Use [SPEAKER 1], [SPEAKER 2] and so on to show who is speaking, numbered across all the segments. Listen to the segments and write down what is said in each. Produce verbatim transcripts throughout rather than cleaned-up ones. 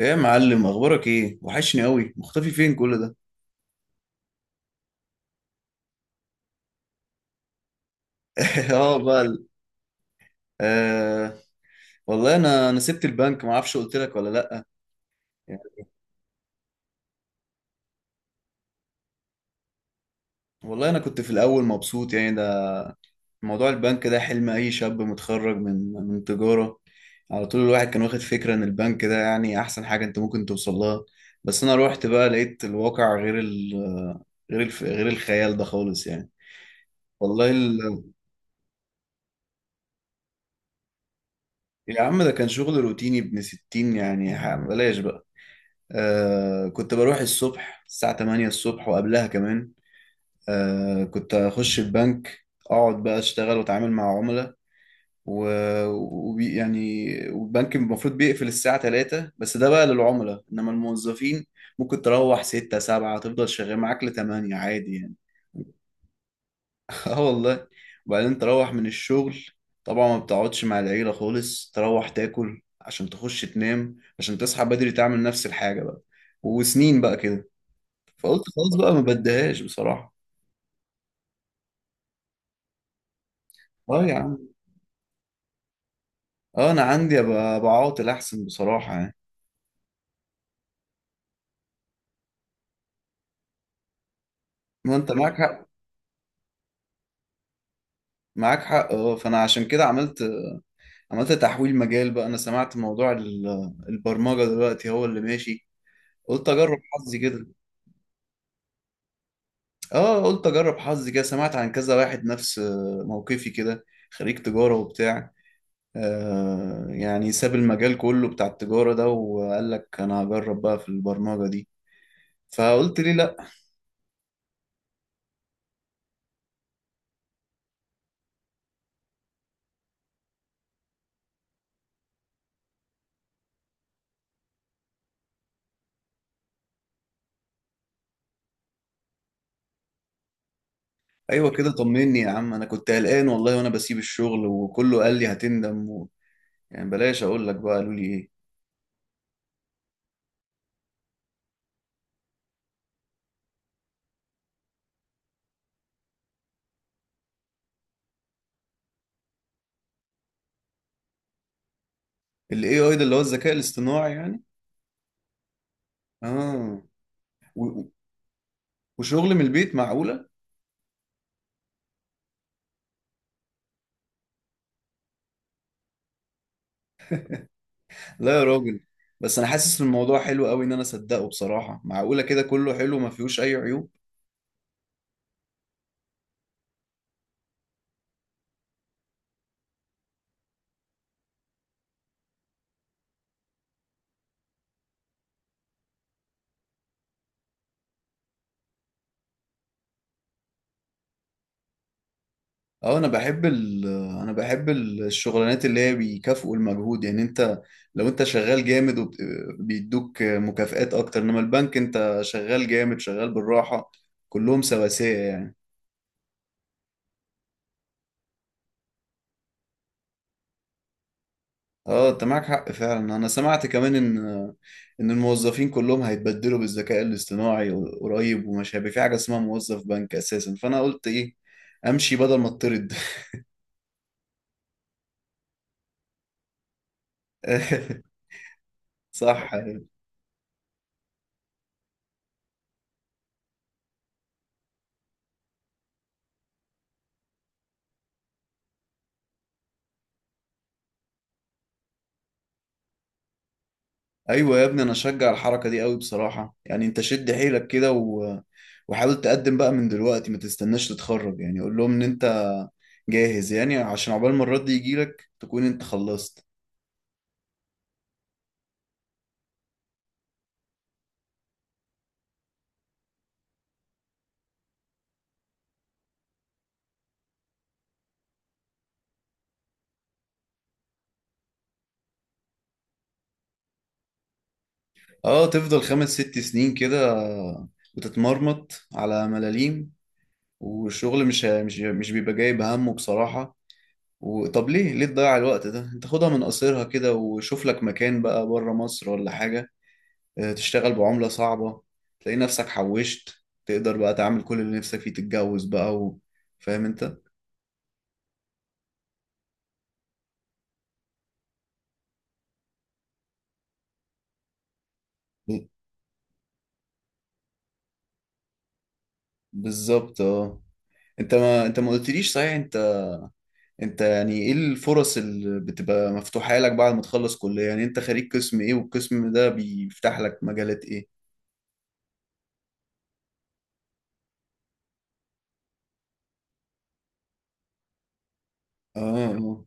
[SPEAKER 1] ايه يا معلم، اخبارك ايه؟ وحشني قوي، مختفي فين كل ده؟ اه بقى ال- آه، والله انا انا سبت البنك، ما اعرفش قلت لك ولا لا. يعني والله انا كنت في الاول مبسوط، يعني ده موضوع البنك ده حلم اي شاب متخرج من من تجارة. على طول الواحد كان واخد فكرة ان البنك ده يعني احسن حاجة انت ممكن توصل لها. بس انا روحت بقى لقيت الواقع غير ال غير الف غير الخيال ده خالص يعني. والله ال... يا عم ده كان شغل روتيني ابن ستين يعني، ح- بلاش بقى. آه، كنت بروح الصبح الساعة تمانية الصبح وقبلها كمان. آه كنت أخش البنك، أقعد بقى أشتغل وأتعامل مع عملاء و... وبي... يعني. والبنك المفروض بيقفل الساعة تلاتة، بس ده بقى للعملاء، إنما الموظفين ممكن تروح ستة سبعة، تفضل شغال معاك ل تمانية عادي يعني. اه والله. وبعدين تروح من الشغل، طبعا ما بتقعدش مع العيلة خالص، تروح تاكل عشان تخش تنام عشان تصحى بدري تعمل نفس الحاجة بقى، وسنين بقى كده. فقلت خلاص بقى ما بديهاش بصراحة. اه يا عم. اه انا عندي ابقى بعاطل احسن بصراحة يعني. ما انت معاك حق. معاك حق اه. فانا عشان كده عملت عملت تحويل مجال بقى. انا سمعت موضوع ال- البرمجة دلوقتي هو اللي ماشي، قلت اجرب حظي كده. اه قلت اجرب حظي كده، سمعت عن كذا واحد نفس آه، موقفي كده، خريج تجارة وبتاع. آه يعني ساب المجال كله بتاع التجارة ده وقال لك انا هجرب بقى في البرمجة دي. فقلت ليه لا. ايوه كده طمني يا عم، انا كنت قلقان والله وانا بسيب الشغل وكله قال لي هتندم و... يعني بلاش اقول لك بقى قالوا لي ايه. الاي اي ده اللي هو الذكاء الاصطناعي يعني. اه و... وشغل من البيت؟ معقوله! لا يا راجل. بس انا حاسس ان الموضوع حلو قوي، ان انا اصدقه بصراحه. معقوله كده كله حلو ما فيهوش اي عيوب؟ اه انا بحب ال... انا بحب الشغلانات اللي هي بيكافئوا المجهود يعني. انت لو انت شغال جامد وبيدوك مكافآت اكتر، انما البنك انت شغال جامد شغال بالراحة، كلهم سواسية يعني. اه انت معاك حق فعلا. انا سمعت كمان ان ان الموظفين كلهم هيتبدلوا بالذكاء الاصطناعي قريب، وما شابه في حاجة اسمها موظف بنك اساسا. فانا قلت ايه، امشي بدل ما اطرد. صح. ايوه يا ابني، انا اشجع الحركة دي قوي بصراحة. يعني انت شد حيلك كده و... وحاول تقدم بقى من دلوقتي، ما تستناش تتخرج. يعني قول لهم ان انت جاهز، يعني عشان عقبال ما الرد يجيلك تكون انت خلصت. اه تفضل خمس ست سنين كده بتتمرمط على ملاليم، والشغل مش مش مش بيبقى جايب همه بصراحة. وطب ليه ليه تضيع الوقت ده؟ انت خدها من قصيرها كده وشوف لك مكان بقى بره مصر ولا حاجة. اه، تشتغل بعملة صعبة، تلاقي نفسك حوشت، تقدر بقى تعمل كل اللي نفسك فيه، تتجوز بقى و... فاهم انت. ب- بالظبط اه. انت ما انت ما قلتليش صحيح، انت انت يعني ايه الفرص اللي بتبقى مفتوحة لك بعد ما تخلص كلية؟ يعني انت خريج قسم ايه، والقسم ده بيفتح لك مجالات ايه؟ اه. آه.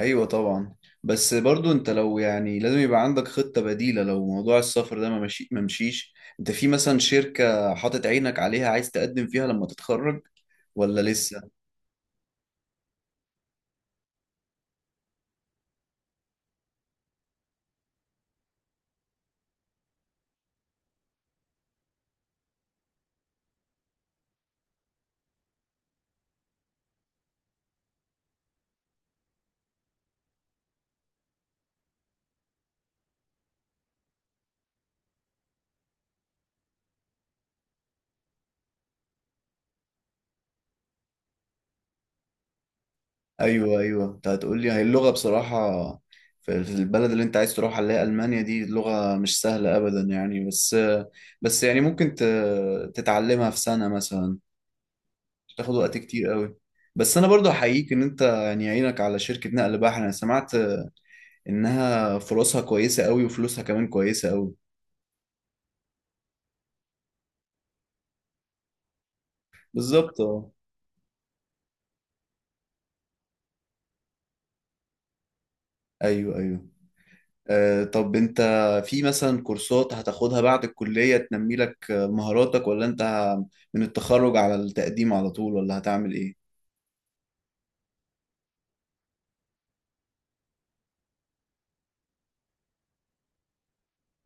[SPEAKER 1] ايوه طبعا. بس برضو انت لو يعني لازم يبقى عندك خطة بديلة لو موضوع السفر ده ما مشي ما مشيش انت في مثلا شركة حاطط عينك عليها عايز تقدم فيها لما تتخرج، ولا لسه؟ ايوه ايوه. انت هتقول لي هي اللغه بصراحه، في في البلد اللي انت عايز تروحها اللي هي المانيا دي، لغه مش سهله ابدا يعني، بس بس يعني ممكن ت- تتعلمها في سنه مثلا. مش تاخد وقت كتير قوي. بس انا برضو احييك ان انت يعني عينك على شركه نقل بحر. انا سمعت انها فرصها كويسه قوي وفلوسها كمان كويسه قوي. بالظبط اه. ايوه ايوه آه، طب انت في مثلا كورسات هتاخدها بعد الكلية تنمي لك آه، مهاراتك، ولا انت ه- من التخرج على التقديم على طول، ولا هتعمل ايه؟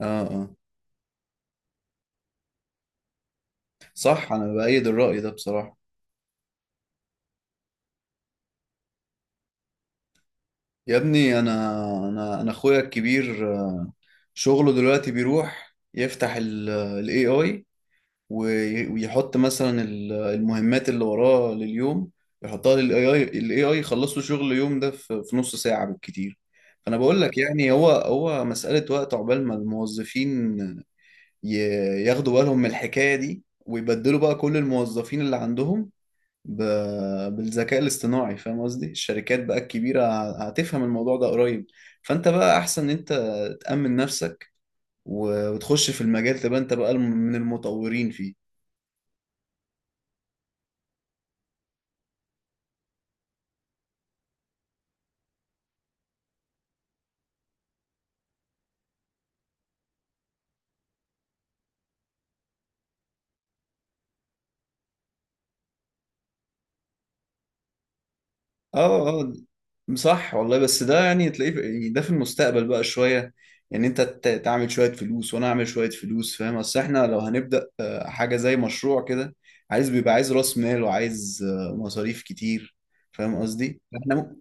[SPEAKER 1] اه اه. صح، انا بأيد الرأي ده بصراحة. يا ابني انا انا انا اخويا الكبير آه، شغله دلوقتي بيروح يفتح الاي اي وي- ويحط مثلا ال- المهمات اللي وراه لليوم، يحطها للاي اي، الاي اي يخلصوا شغل اليوم ده في في نص ساعة بالكتير. فانا بقول لك يعني هو هو مسألة وقت عقبال ما الموظفين ي- ياخدوا بالهم من الحكاية دي، ويبدلوا بقى كل الموظفين اللي عندهم ب... بالذكاء الاصطناعي. فاهم قصدي الشركات بقى الكبيرة هتفهم الموضوع ده قريب. فانت بقى احسن ان انت تأمن نفسك، و- وتخش في المجال، تبقى انت بقى الم- من المطورين فيه. اه اه. صح والله، بس ده يعني تلاقيه في- يعني ده في المستقبل بقى شوية. يعني انت ت- تعمل شوية فلوس وانا اعمل شوية فلوس، فاهم، اصل احنا لو هنبدأ آه، حاجة زي مشروع كده، عايز بيبقى عايز راس مال وعايز آه، مصاريف كتير. فاهم قصدي احنا م...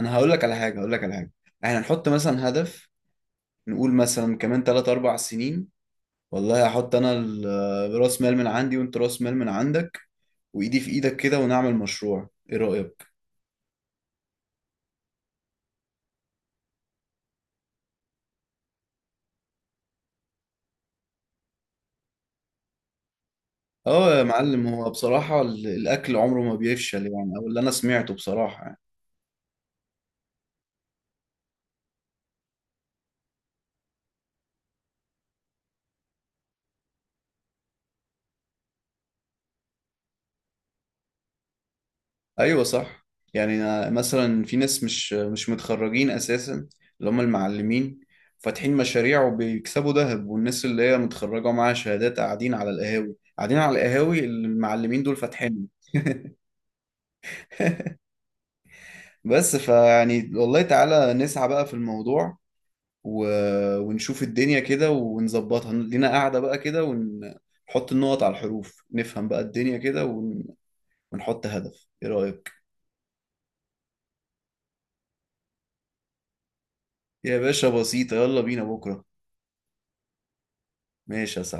[SPEAKER 1] انا هقول لك على حاجة، هقول لك على حاجة. احنا نحط مثلا هدف، نقول مثلا كمان تلاتة اربعة سنين، والله هحط انا ال- آه، راس مال من عندي وانت راس مال من عندك، وايدي في ايدك كده ونعمل مشروع، ايه رأيك؟ اه يا معلم، هو بصراحة ال- الأكل عمره ما بيفشل يعني، أو اللي أنا سمعته بصراحة يعني. أيوة صح. يعني أنا مثلا في ناس مش مش متخرجين أساسا، اللي هم المعلمين، فاتحين مشاريع وبيكسبوا ذهب، والناس اللي هي متخرجة معاها شهادات قاعدين على القهاوي، قاعدين على القهاوي اللي المعلمين دول فاتحين. بس فيعني والله تعالى نسعى بقى في الموضوع و... ونشوف الدنيا كده ونظبطها لينا، قاعدة بقى كده، ونحط النقط على الحروف، نفهم بقى الدنيا كده ون... ونحط هدف، ايه رأيك؟ يا باشا بسيطة، يلا بينا بكرة. ماشي يا صاحبي.